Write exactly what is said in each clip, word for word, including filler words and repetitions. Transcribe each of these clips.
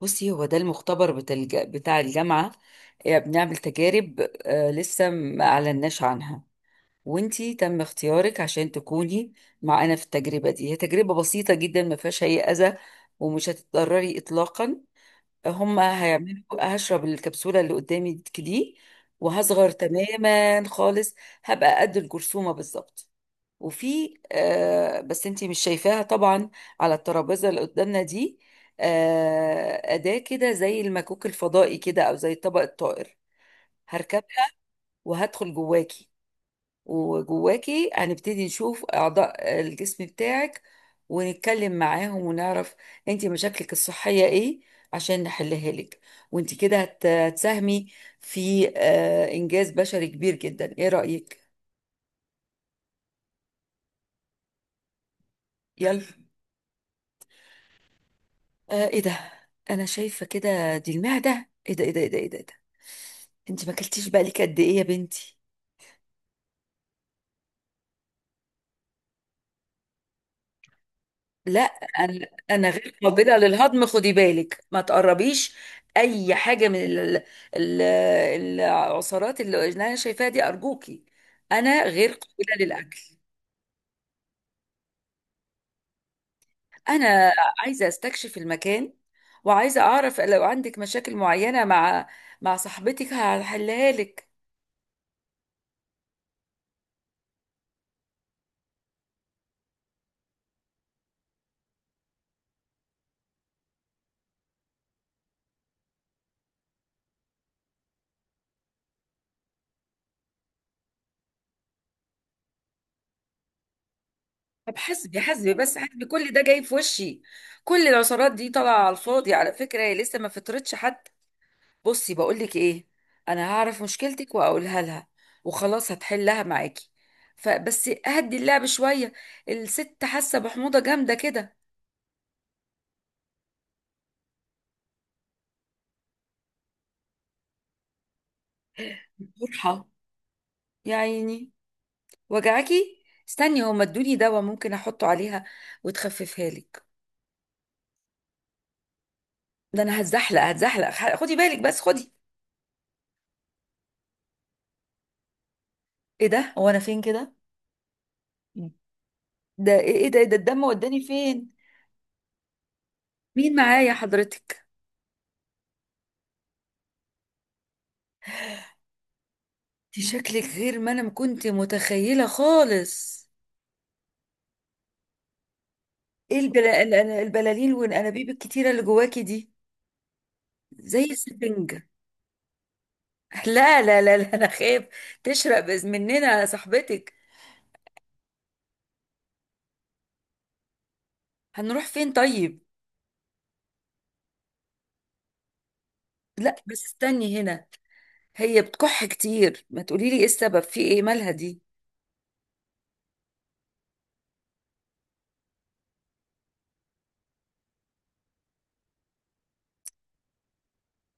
بصي، هو ده المختبر بتاع الج- بتاع الجامعة آه، بنعمل تجارب. آه، لسه ما أعلناش عنها. وانتي تم اختيارك عشان تكوني معانا في التجربة دي. هي تجربة بسيطة جدا، ما فيهاش أي أذى، ومش هتتضرري إطلاقا. هما هيعملوا هشرب الكبسولة اللي قدامي دي وهصغر تماما خالص، هبقى قد الجرثومة بالظبط. وفي آه بس انتي مش شايفاها طبعا، على الترابيزه اللي قدامنا دي، آه اداه كده زي المكوك الفضائي كده، او زي طبق الطائر. هركبها وهدخل جواكي، وجواكي هنبتدي نشوف اعضاء الجسم بتاعك، ونتكلم معاهم ونعرف انتي مشاكلك الصحيه ايه عشان نحلها لك. وانتي كده هت- هتساهمي في آه انجاز بشري كبير جدا. ايه رايك؟ يلا. آه، ايه ده، انا شايفه كده دي المعده. ايه ده ايه ده ايه ده ايه ده، إيه ده؟ انت ما اكلتيش بقالك قد ايه يا بنتي؟ لا، انا انا غير قابله للهضم، خدي بالك ما تقربيش اي حاجه من ال... ال... العصارات اللي انا شايفاها دي، ارجوكي، انا غير قابله للاكل. انا عايزه استكشف المكان، وعايزه اعرف لو عندك مشاكل معينه مع مع صاحبتك هحلها لك. طب حسبي، حسبي، بس حسبي، كل ده جاي في وشي؟ كل العصارات دي طالعه على الفاضي على فكره، هي لسه ما فطرتش حد. بصي بقول لك ايه، انا هعرف مشكلتك واقولها لها، وخلاص هتحلها معاكي. فبس اهدي اللعب شويه. الست حاسه بحموضه جامده كده. مرحى، يا عيني، وجعاكي. استني، هما ادوني دواء ممكن احطه عليها وتخففها لك. ده انا هتزحلق، هتزحلق خ- خدي بالك بس، خدي. ايه ده، هو انا فين كده؟ ده ايه، إيه ده، إيه ده الدم، وداني فين؟ مين معايا حضرتك؟ انت شكلك غير ما انا كنت متخيله خالص. ايه البل... ال- ال- البلالين والانابيب الكتيره اللي جواكي دي، زي السفنج. لا لا لا لا، انا خايف تشرق بإذ مننا يا صاحبتك. هنروح فين طيب؟ لا بس استني هنا. هي بتكح كتير، ما تقولي لي ايه السبب، في ايه مالها دي؟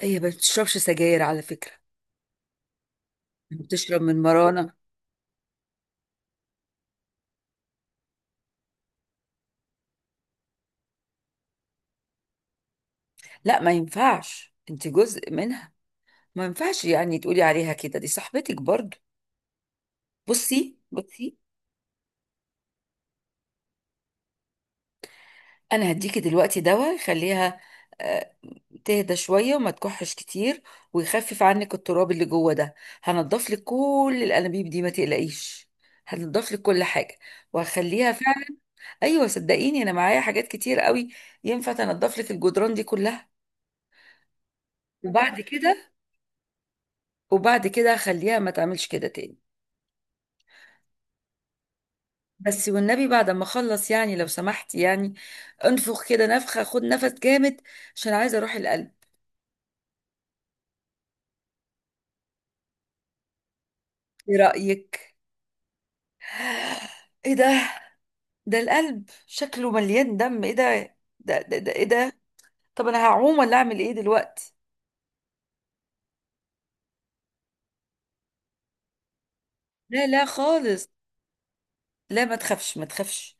هي ما بتشربش سجاير على فكره، بتشرب من مرانه. لا، ما ينفعش، انت جزء منها، ما ينفعش يعني تقولي عليها كده، دي صاحبتك برضو. بصي، بصي. انا هديكي دلوقتي دواء يخليها آه، تهدى شويه وما تكحش كتير، ويخفف عنك التراب اللي جوه ده. هنضف لك كل الانابيب دي، ما تقلقيش، هنضف لك كل حاجه، وهخليها فعلا. ايوه، صدقيني، انا معايا حاجات كتير قوي ينفع تنضف لك الجدران دي كلها. وبعد كده وبعد كده هخليها ما تعملش كده تاني. بس والنبي بعد ما اخلص يعني، لو سمحت يعني، انفخ كده نفخه، خد نفس جامد عشان عايزه اروح القلب. ايه رايك؟ ايه ده، ده القلب شكله مليان دم، ايه ده؟ ده ده, ده ايه ده؟ طب انا هعوم ولا اعمل ايه دلوقتي؟ لا لا خالص. لا ما تخافش، ما تخافش.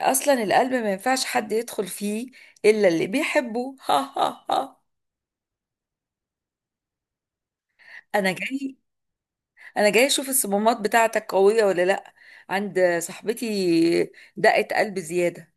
اصلا القلب ما ينفعش حد يدخل فيه الا اللي بيحبه ها ها ها. انا جاي انا جاي اشوف الصمامات بتاعتك قوية ولا لا. عند صاحبتي دقة قلب زيادة.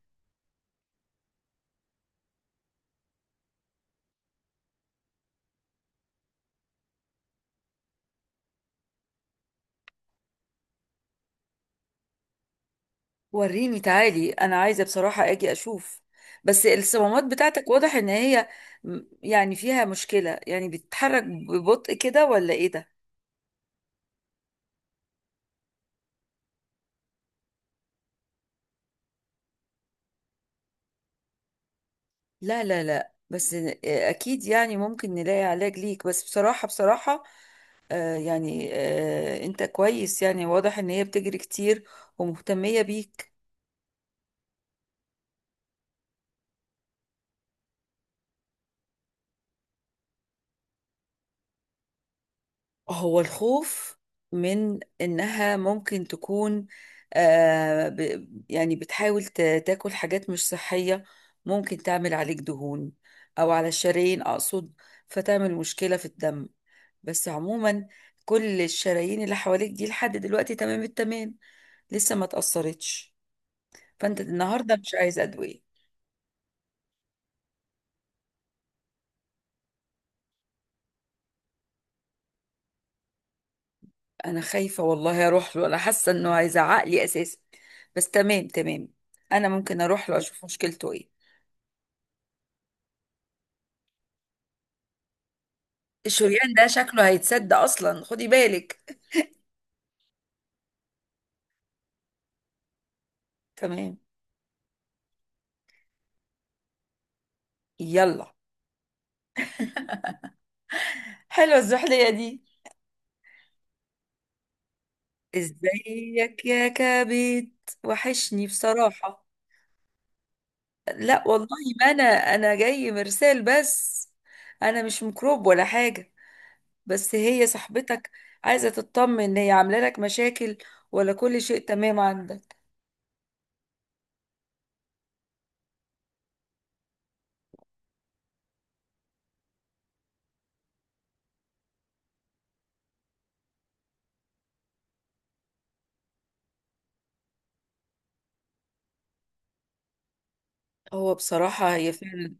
وريني، تعالي، انا عايزه بصراحه اجي اشوف بس الصمامات بتاعتك، واضح ان هي م- يعني فيها مشكله، يعني بتتحرك ببطء كده، ولا ايه ده؟ لا لا لا، بس ن- آه، اكيد يعني ممكن نلاقي علاج ليك، بس بصراحه بصراحه، آه يعني آه انت كويس يعني، واضح ان هي بتجري كتير ومهتميه بيك. هو الخوف من إنها ممكن تكون، آه ب يعني بتحاول ت- تاكل حاجات مش صحية، ممكن تعمل عليك دهون، أو على الشرايين أقصد، فتعمل مشكلة في الدم. بس عموما، كل الشرايين اللي حواليك دي لحد دلوقتي تمام التمام، لسه ما تأثرتش، فأنت النهاردة مش عايزة أدوية. أنا خايفة والله أروح له، أنا حاسة إنه هيزعق لي أساسا، بس تمام تمام، أنا ممكن أروح له أشوف مشكلته إيه. الشريان ده شكله هيتسد اصلا، خدي بالك. تمام. يلا. حلوة الزحلية دي. ازيك يا كبد، وحشني بصراحة. لا والله، ما انا انا جاي مرسال بس، انا مش ميكروب ولا حاجة، بس هي صاحبتك عايزة تطمن ان هي عاملة لك مشاكل، ولا كل شيء تمام عندك. هو بصراحة هي فعلا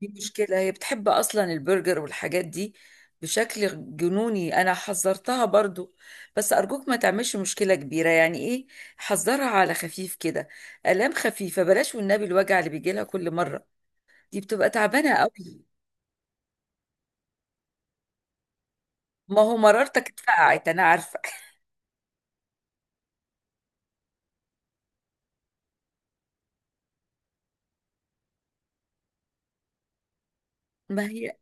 دي مشكلة، هي بتحب أصلا البرجر والحاجات دي بشكل جنوني. أنا حذرتها برضو، بس أرجوك ما تعملش مشكلة كبيرة، يعني إيه، حذرها على خفيف كده. آلام خفيفة، بلاش والنبي الوجع اللي بيجيلها كل مرة، دي بتبقى تعبانة قوي. ما هو مرارتك اتفقعت أنا عارفة ما هي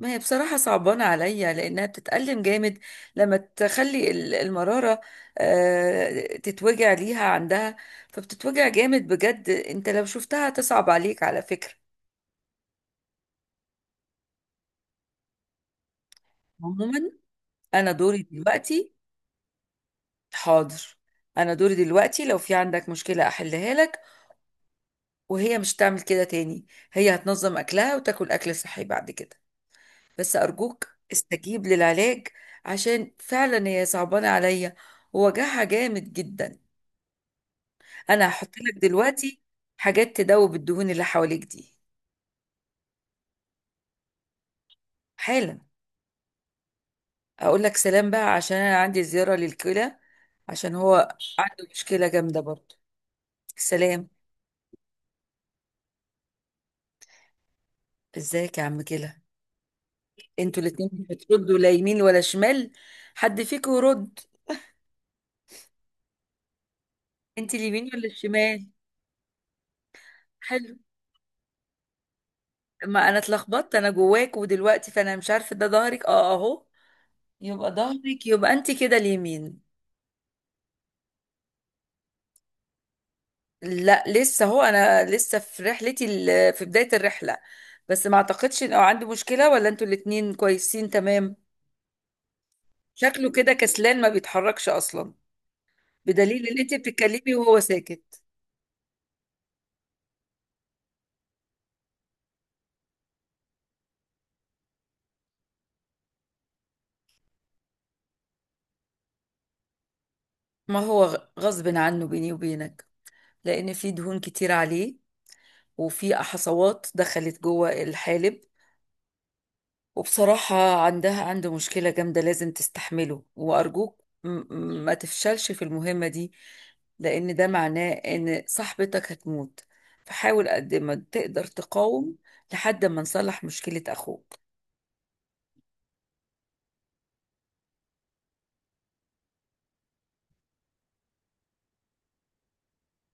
ما هي بصراحة صعبانة عليا، لأنها بتتألم جامد لما تخلي ال- المرارة آه، تتوجع ليها عندها، فبتتوجع جامد بجد. أنت لو شفتها تصعب عليك على فكرة. عموما، أنا دوري دلوقتي. حاضر. أنا دوري دلوقتي، لو في عندك مشكلة أحلها لك، وهي مش تعمل كده تاني. هي هتنظم أكلها وتاكل أكل صحي بعد كده، بس أرجوك استجيب للعلاج، عشان فعلا هي صعبانة عليا ووجعها جامد جدا. انا هحط لك دلوقتي حاجات تدوب الدهون اللي حواليك دي، حالا. اقول لك سلام بقى، عشان انا عندي زيارة للكلى، عشان هو عنده مشكلة جامدة برضه. سلام. ازيك يا عم كلى. انتوا الاتنين بتردوا، لا يمين ولا شمال، حد فيكم يرد؟ انت اليمين ولا الشمال؟ حلو، ما انا اتلخبطت انا جواك، ودلوقتي فانا مش عارفه، ده ظهرك، اه اهو، يبقى ظهرك، يبقى انت كده اليمين. لا لسه، هو انا لسه في رحلتي، ال- في بداية الرحلة، بس ما اعتقدش ان، أو عندي مشكلة، ولا انتوا الاتنين كويسين تمام؟ شكله كده كسلان ما بيتحركش اصلا، بدليل ان انت بتتكلمي وهو ساكت. ما هو غ- غصب عنه بيني وبينك، لان في دهون كتير عليه، وفي حصوات دخلت جوه الحالب. وبصراحة عندها، عنده مشكلة جامدة لازم تستحمله، وأرجوك م- م- ما تفشلش في المهمة دي، لأن ده معناه إن صاحبتك هتموت، فحاول قد ما تقدر تقاوم لحد ما نصلح مشكلة أخوك.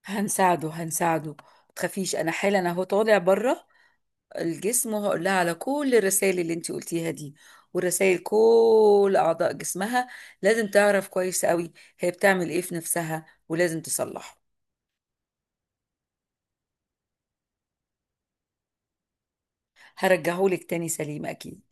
هنساعده، هنساعده، ما تخافيش، أنا حالا أهو طالع بره الجسم، وهقول لها على كل الرسائل اللي انت قلتيها دي ورسائل كل أعضاء جسمها، لازم تعرف كويس قوي هي بتعمل إيه في نفسها، ولازم تصلحه. هرجعهولك تاني سليم اكيد.